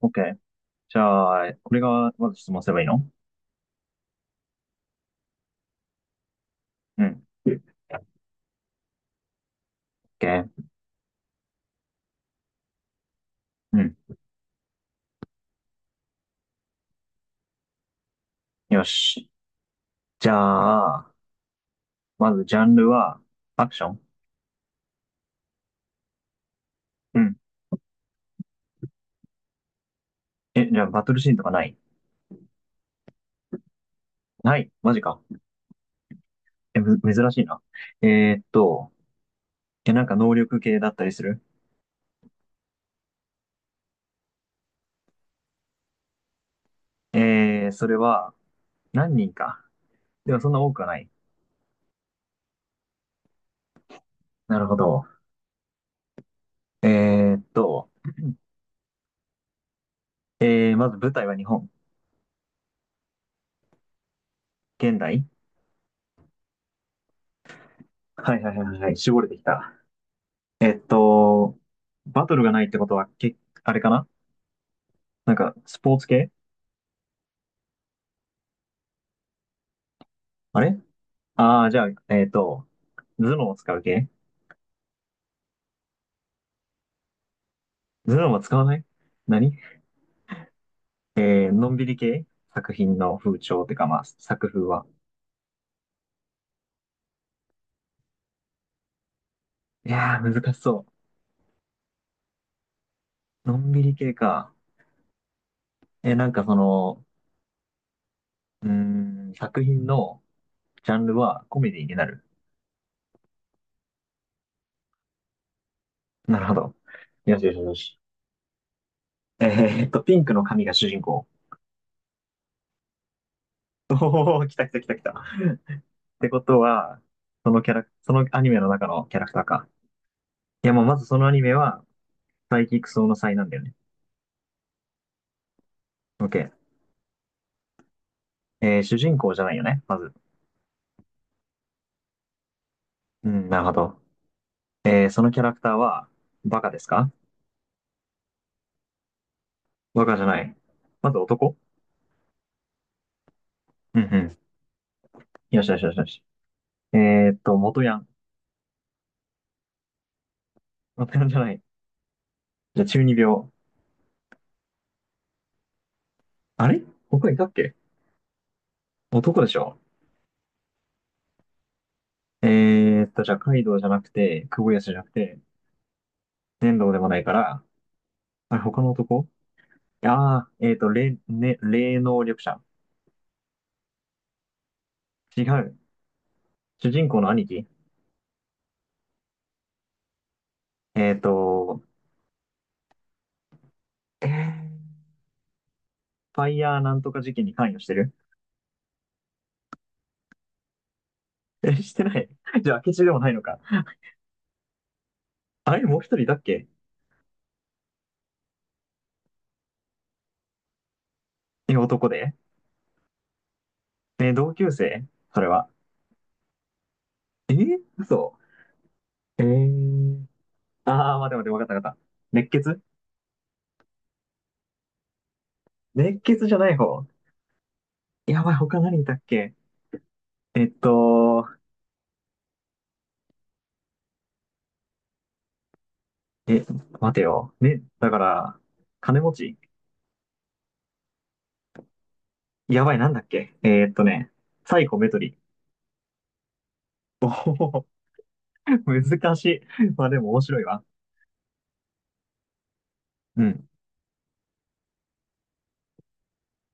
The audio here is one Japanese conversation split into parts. OK。じゃあ、これがまず質問すればいいの？うん。OK。うん。よし。じゃあ、まずジャンルは、アクション？うん。え、じゃあバトルシーンとかない？ないマジか。え、珍しいな。えーっと、え、なんか能力系だったりする？それは、何人か。でもそんな多くはない。なるほど。えーっと、まず舞台は日本。現代？はいはいはいはい。絞れてきた。えっと、バトルがないってことは、あれかな？なんか、スポーツ系？あれ？じゃあ、頭脳を使う系？頭脳は使わない？何？のんびり系？作品の風潮ってか、まあ、作風は。いやー、難しそう。のんびり系か。なんかその、作品のジャンルはコメディになる？なるほど。よしよしよし。ピンクの髪が主人公。おー、来た来た来た来た。ってことは、そのキャラ、そのアニメの中のキャラクターか。いや、まあ、まずそのアニメは、サイキクソウの才なんだよね。OK。主人公じゃないよね、まず。うん、なるほど。そのキャラクターは、バカですか？バカじゃない。まず男？うんうん。よしよしよしよし。え元ヤン？元ヤンじゃない。じゃあ、中二病？あれ？他いたっけ？男でしょ？じゃあ、カイドウじゃなくて、クボヤスじゃなくて、粘土でもないから、あれ、他の男？ね、霊能力者？違う。主人公の兄貴？えーっと、えーファイヤーなんとか事件に関与してる？え、してない？ じゃあ、明智でもないのか。あれ、もう一人いたっけ？え、男で、ね、同級生？それは。嘘。えー。あー、待って待って、わかったわかった。熱血？熱血じゃない方。やばい、他何いたっけ？えっと、え、待てよ。ね、だから、金持ち。やばい、なんだっけ？ね、サイコメトリ。ほほほ、難しい。まあでも面白いわ。うん。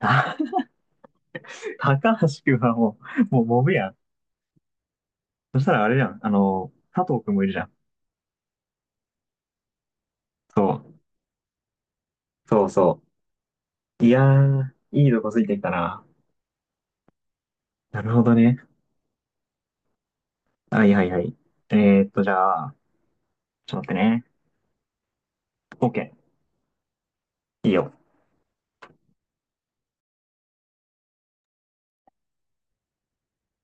あ、高橋くんはもう、もうモブやん。そしたらあれじゃん。あの、佐藤くんもいるじゃん。そう。そうそう。いやー、いいとこついてきたな。なるほどね。はいはいはい。えじゃあ、ちょっと待ってね。OK。いいよ。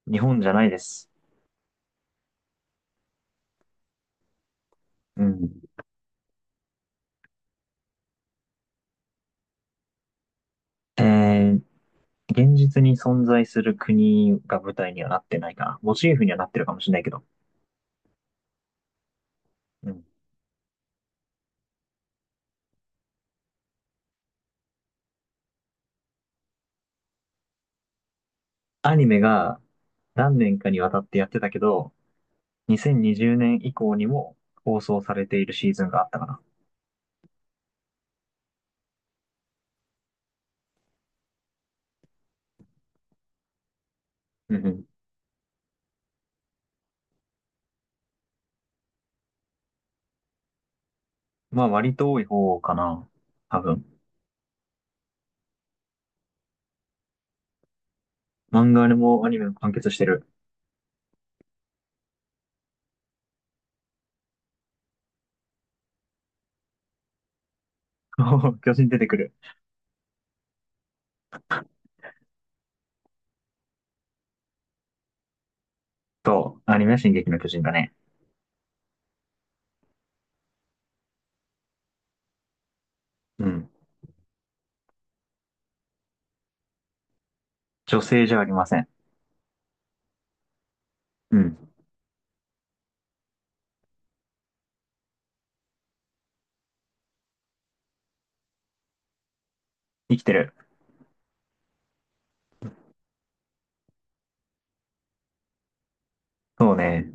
日本じゃないです。うん。えー、現実に存在する国が舞台にはなってないかな。モチーフにはなってるかもしれないけど。うん。アニメが何年かにわたってやってたけど、2020年以降にも放送されているシーズンがあったかな。うんうん。まあ割と多い方かな。多分。漫画でもアニメも完結してる。そう、巨人出てくる。そう。アニメは進撃の巨人だね。うん。女性じゃありません。うん。生きてる。そうね。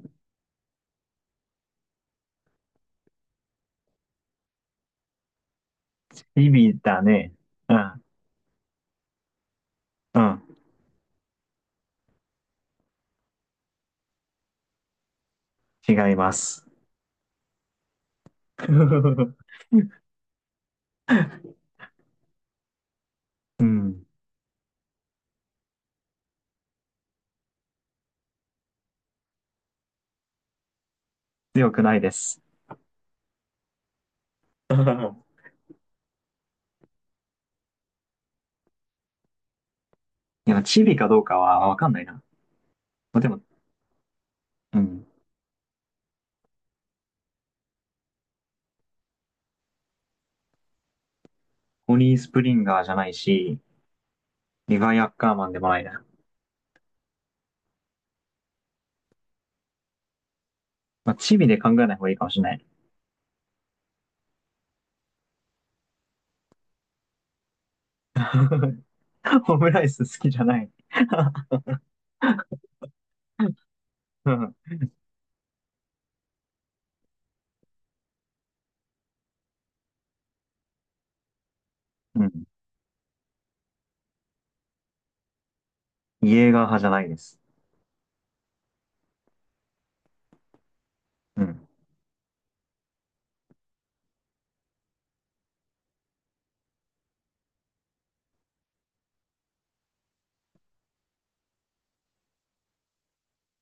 チビだね。うん。うん。違います。うん。強くないです。いや、チビかどうかはわかんないな。まあ、でも、うん。ホニースプリンガーじゃないし、リヴァイアッカーマンでもないな。まあ、チビで考えない方がいいかもしれない。オムライス好きじゃない。うん。うん、イエーガー派じゃないです。うん。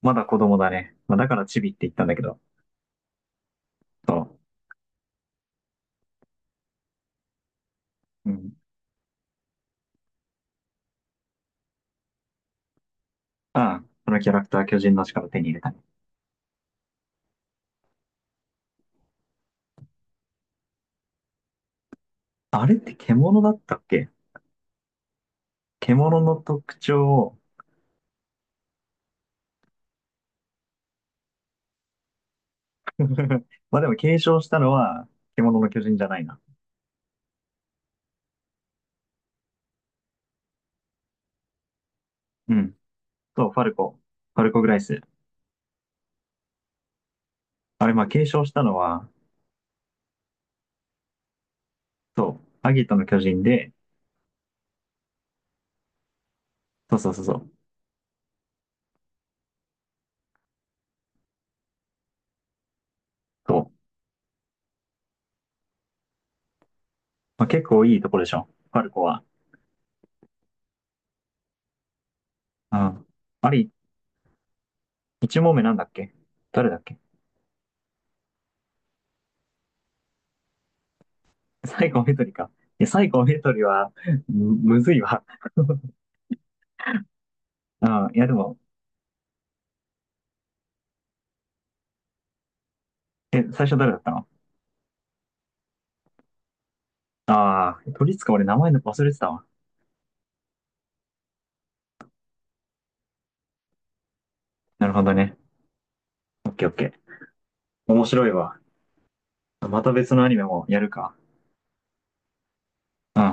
まだ子供だね。まあ、だからチビって言ったんだけど。そう。うん。ああ、このキャラクター巨人の力手に入れたね。あれって獣だったっけ？獣の特徴を まあでも継承したのは獣の巨人じゃないな。うん。そう、ファルコ。ファルコグライス。あれ、まあ継承したのは、そう、アギトの巨人で、そうそうそうそう。そう。まあ、結構いいとこでしょ。ファルコは。うん。あれ、一問目なんだっけ？誰だっけ？サイコメトリか。いや、サイコメトリは、むずいわ。ああ、いやでも、最初誰だったの？ああ、鳥塚俺名前の忘れてたわ。なるほどね。オッケーオッケー。面白いわ。また別のアニメもやるか。うん。